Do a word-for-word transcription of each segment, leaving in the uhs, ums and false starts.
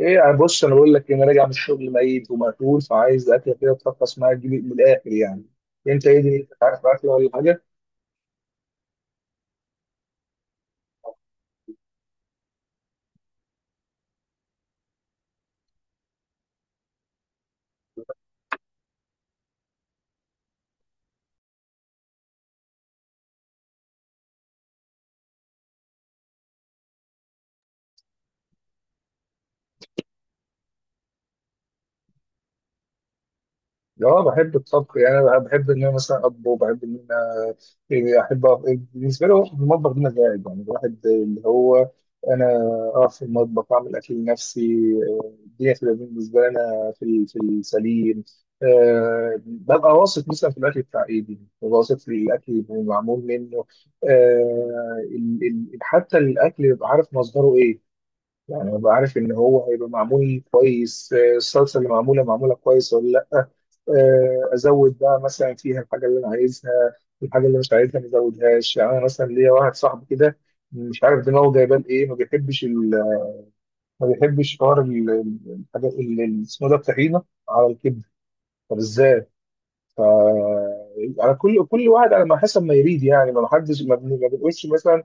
ايه يعني بص، انا بقول لك إيه، انا راجع من الشغل ميت ومقتول، فعايز اكله كده تفقس معايا، تجيب من الاخر يعني. انت ايه دي، عارف اكله ولا حاجه؟ اه بحب الطبخ، يعني انا بحب ان انا مثلا اطبخ، وبحب ان انا، يعني احب أقف- بالنسبه لي هو المطبخ ده مزاج. يعني الواحد اللي هو، انا اقف في المطبخ اعمل اكل لنفسي. آه، الدنيا تبقى بالنسبه لي انا في ال- في السليم. أه ببقى واثق مثلا في الاكل بتاع ايدي، ببقى واثق في الاكل اللي معمول منه. أه ال- ال- حتى الاكل ببقى عارف مصدره ايه. يعني ابقى عارف ان هو هيبقى معمول كويس، آه، الصلصه اللي معموله معموله كويس ولا لا. آه، ازود بقى مثلا فيها الحاجه اللي انا عايزها، الحاجه اللي مش عايزها ما ازودهاش. يعني انا مثلا ليا واحد صاحبي كده مش عارف دماغه جايبان ايه، ما بيحبش ال... ما بيحبش حوار ال- ال- الحاجات اللي اسمه ده، الطحينه على الكبده. طب ازاي؟ ف على كل كل واحد على ما حسب ما يريد يعني، ما حدش ما بن- ما بنقولش مثلا.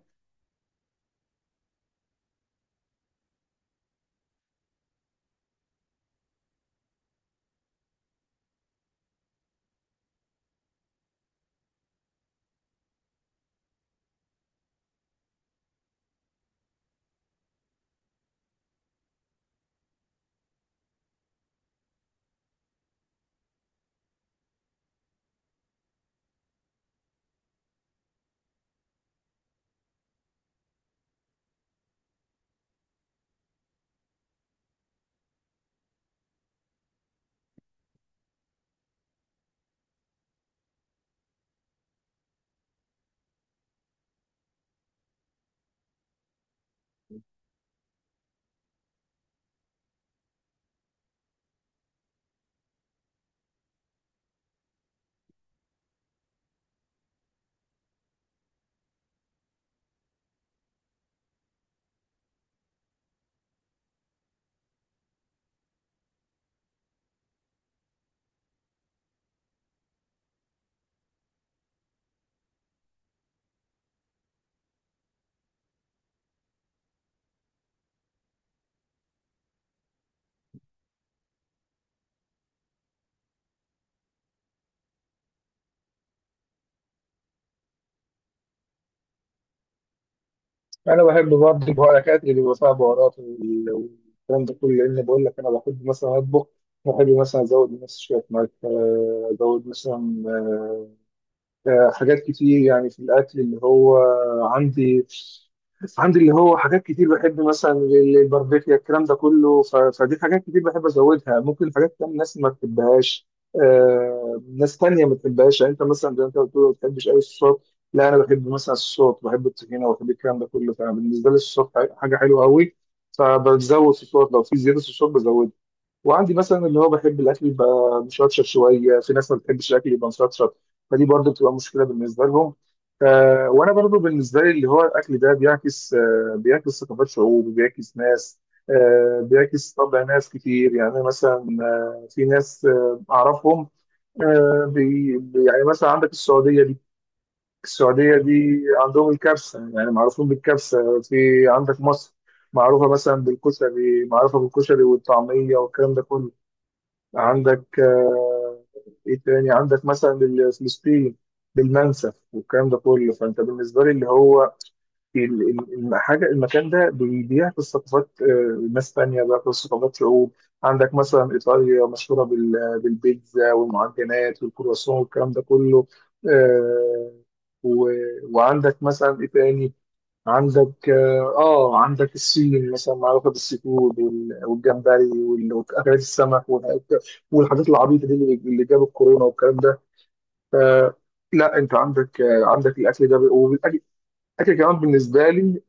انا بحب برضه البهارات اللي بيبقى فيها بهارات وال- والكلام ده كله، لان بقول لك انا بحب مثلا اطبخ، بحب مثلا ازود مثلا شويه ملح، آه، ازود مثلا، آه، آه، حاجات كتير. يعني في الأكل اللي هو عندي عندي اللي هو حاجات كتير، بحب مثلا ال- الباربيكيا الكلام ده كله، ف- فدي حاجات كتير بحب أزودها. ممكن حاجات تانية ناس ما بتحبهاش، آه، ناس تانية ما بتحبهاش. يعني أنت مثلا زي ما أنت بتقول ما بتحبش أي الصوت، لا أنا بحب مثلا الصوت، بحب الطحينة وبحب الكلام ده كله، فبالنسبة لي الصوت حاجة حلوة أوي. فبزود في الصوت، لو في زيادة في الصوت بزودها. وعندي مثلا اللي هو بحب الاكل يبقى مشطشط شويه، في ناس ما بتحبش الاكل يبقى مشطشط، فدي برضو بتبقى مشكله بالنسبه لهم. آه وانا برضو بالنسبه لي اللي هو الاكل ده بيعكس، آه بيعكس ثقافات شعوب وبيعكس ناس، آه بيعكس طبع ناس كتير. يعني مثلا آه في ناس آه اعرفهم، آه بي بي- يعني مثلا عندك السعوديه دي، السعوديه دي عندهم الكبسه، يعني معروفين بالكبسه في. عندك مصر، معروفه مثلا بالكشري، معروفه بالكشري والطعميه والكلام ده كله. عندك آه، ايه تاني، عندك مثلا ال- فلسطين بالمنسف والكلام ده كله. فانت بالنسبه لي اللي هو ال- ال- الحاجه، المكان ده بي- بيعكس ثقافات، آه، ناس تانيه، بيعكس ثقافات شعوب. عندك مثلا ايطاليا مشهوره بال- بالبيتزا والمعجنات والكرواسون والكلام ده كله. آه، و- وعندك مثلا ايه تاني. عندك اه آه، عندك السين مثلا، معروفه بالسيفود وال- والجمبري وال- واكلات السمك والح- والحاجات العبيطه دي اللي اللي جاب الكورونا والكلام ده. ف- لا انت عندك، آه، عندك الاكل ده، وبالاكل الاكل كمان بالنسبه لي.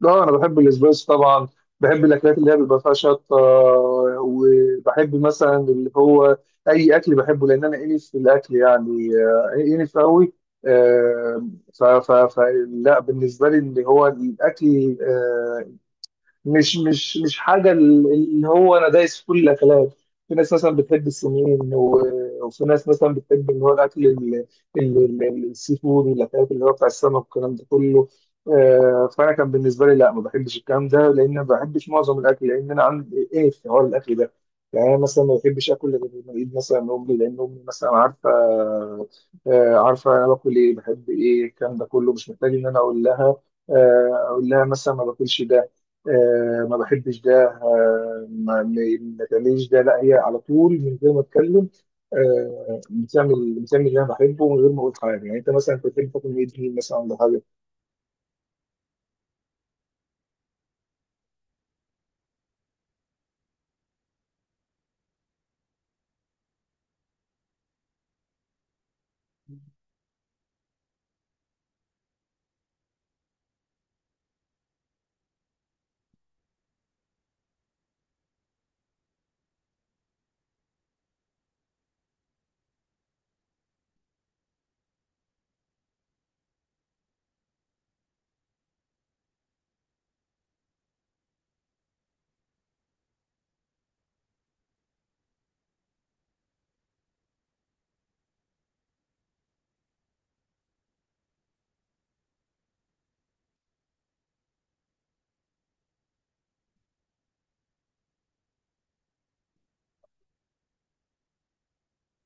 لا انا بحب الاسبريس طبعا، بحب الاكلات اللي هي بيبقى فيها شطه، آه، وبحب مثلا اللي هو اي اكل بحبه، لان انا انف في الاكل يعني، آه، انف قوي. آه، ف ف ف لا بالنسبه لي اللي هو الاكل، آه، مش مش مش حاجه اللي هو انا دايس في كل الاكلات. في ناس مثلا بتحب السمين، و- وفي ناس مثلا بتحب اللي هو الاكل ال- ال- ال- السي فود والاكلات اللي هو بتاع السمك والكلام ده كله. آه، فانا كان بالنسبه لي لا ما بحبش الكلام ده، لان ما بحبش معظم الاكل، لان انا عندي ايه في حوار الاكل ده. يعني انا مثلا ما بحبش اكل غير لما اجيب مثلا من امي، لان امي مثلا عارفه، آه، عارفه انا باكل ايه بحب ايه، الكلام ده كله مش محتاج ان انا اقول لها، آه، اقول لها مثلا ما باكلش ده، آه ما بحبش ده، آه ما ما- ما تعمليش ده. لا هي على طول من غير ما اتكلم، آه بتعمل بتعمل اللي انا بحبه من غير ما اقول حاجه. يعني انت مثلا كنت بتحب تاكل ميت مين مثلا ولا حاجه؟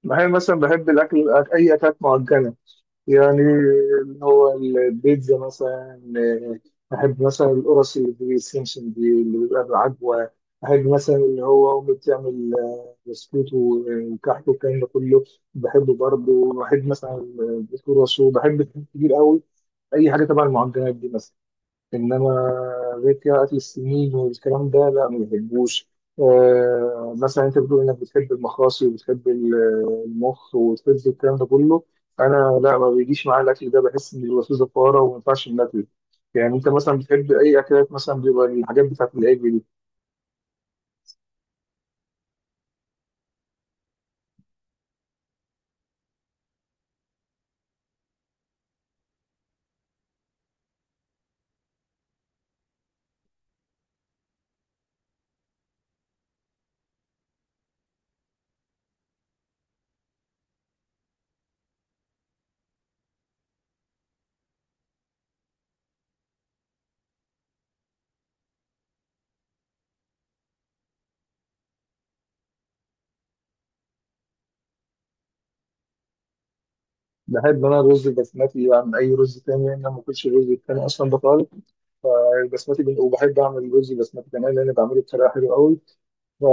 معايا مثلا بحب الاكل، أك- اي اكلات معجنه يعني، اللي هو البيتزا مثلا، آه، بحب مثلا القرص اللي في السمسم دي اللي بيبقى بالعجوه، بحب مثلا اللي هو امي بتعمل وسكوته وكحكه والكلام ده كله، بحبه برضه، بحب مثلا الكرواسو، بحب الحاجات كتير قوي، اي حاجه تبع المعجنات دي مثلا. انما غير كده اكل السمين والكلام ده لا ما بحبوش. آه مثلا انت بتقول انك بتحب المخاصي وبتحب ال- المخ والفز والكلام ده كله، انا لا ما بيجيش معايا الاكل ده، بحس ان الوسوسه زفاره وما ينفعش ناكله. يعني انت مثلا بتحب اي اكلات، مثلا بيبقى الحاجات بتاعت العجل؟ بحب انا الرز البسمتي عن اي رز تاني، لان انا ما باكلش الرز التاني اصلا بطال. فالبسمتي بن- وبحب اعمل رز البسمتي كمان لان بعمله بطريقه حلوه قوي. ف...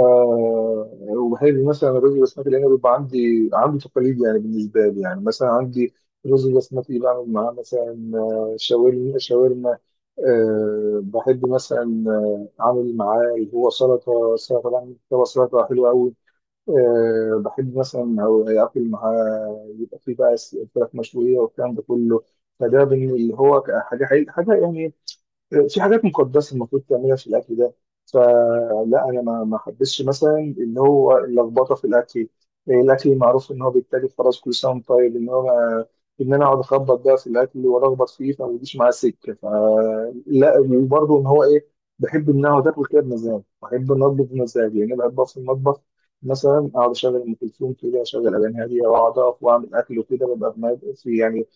وبحب مثلا الرز البسمتي لان بيبقى عندي عندي تقاليد، يعني بالنسبه لي يعني مثلا عندي الرز البسمتي بعمل معاه مثلا، آه، شاورما شاورما. أه بحب مثلا، آه، اعمل معاه اللي هو سلطه، سلطه بعمل سلطه حلوه قوي. أه بحب مثلا أو آكل معاه يبقى فيه بقى س- فراخ مشوية والكلام ده كله. فده بن- اللي هو حاجة، حاجة يعني، في حاجات مقدسه المفروض تعملها في الاكل ده. فلا انا ما ما حبسش مثلا اللي هو اللخبطه في الاكل. إيه، الاكل معروف ان هو بالتالي خلاص كل سنه وأنت طيب، ان هو ما- ان انا اقعد اخبط بقى في الاكل والخبط فيه، فما بيجيش معاه سكه فلا. وبرضه ان هو ايه، بحب ان اقعد اكل كده بمزاج، بحب ان اطبخ بمزاج، يعني أنا بحب أقف في المطبخ مثلا، اقعد اشغل ام كلثوم كده، اشغل اغاني هاديه، واقعد اقف واعمل اكل وكده ببقى في في يعني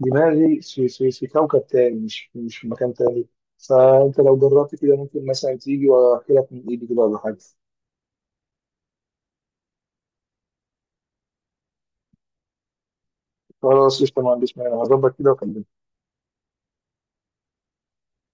دماغي في, في, في كوكب تاني، مش مش في مكان تاني. فانت لو جربت كده ممكن مثلا تيجي واحكي لك من ايدي كده ولا حاجه؟ خلاص قشطه، ما عنديش مانع، هظبط كده واكلمك.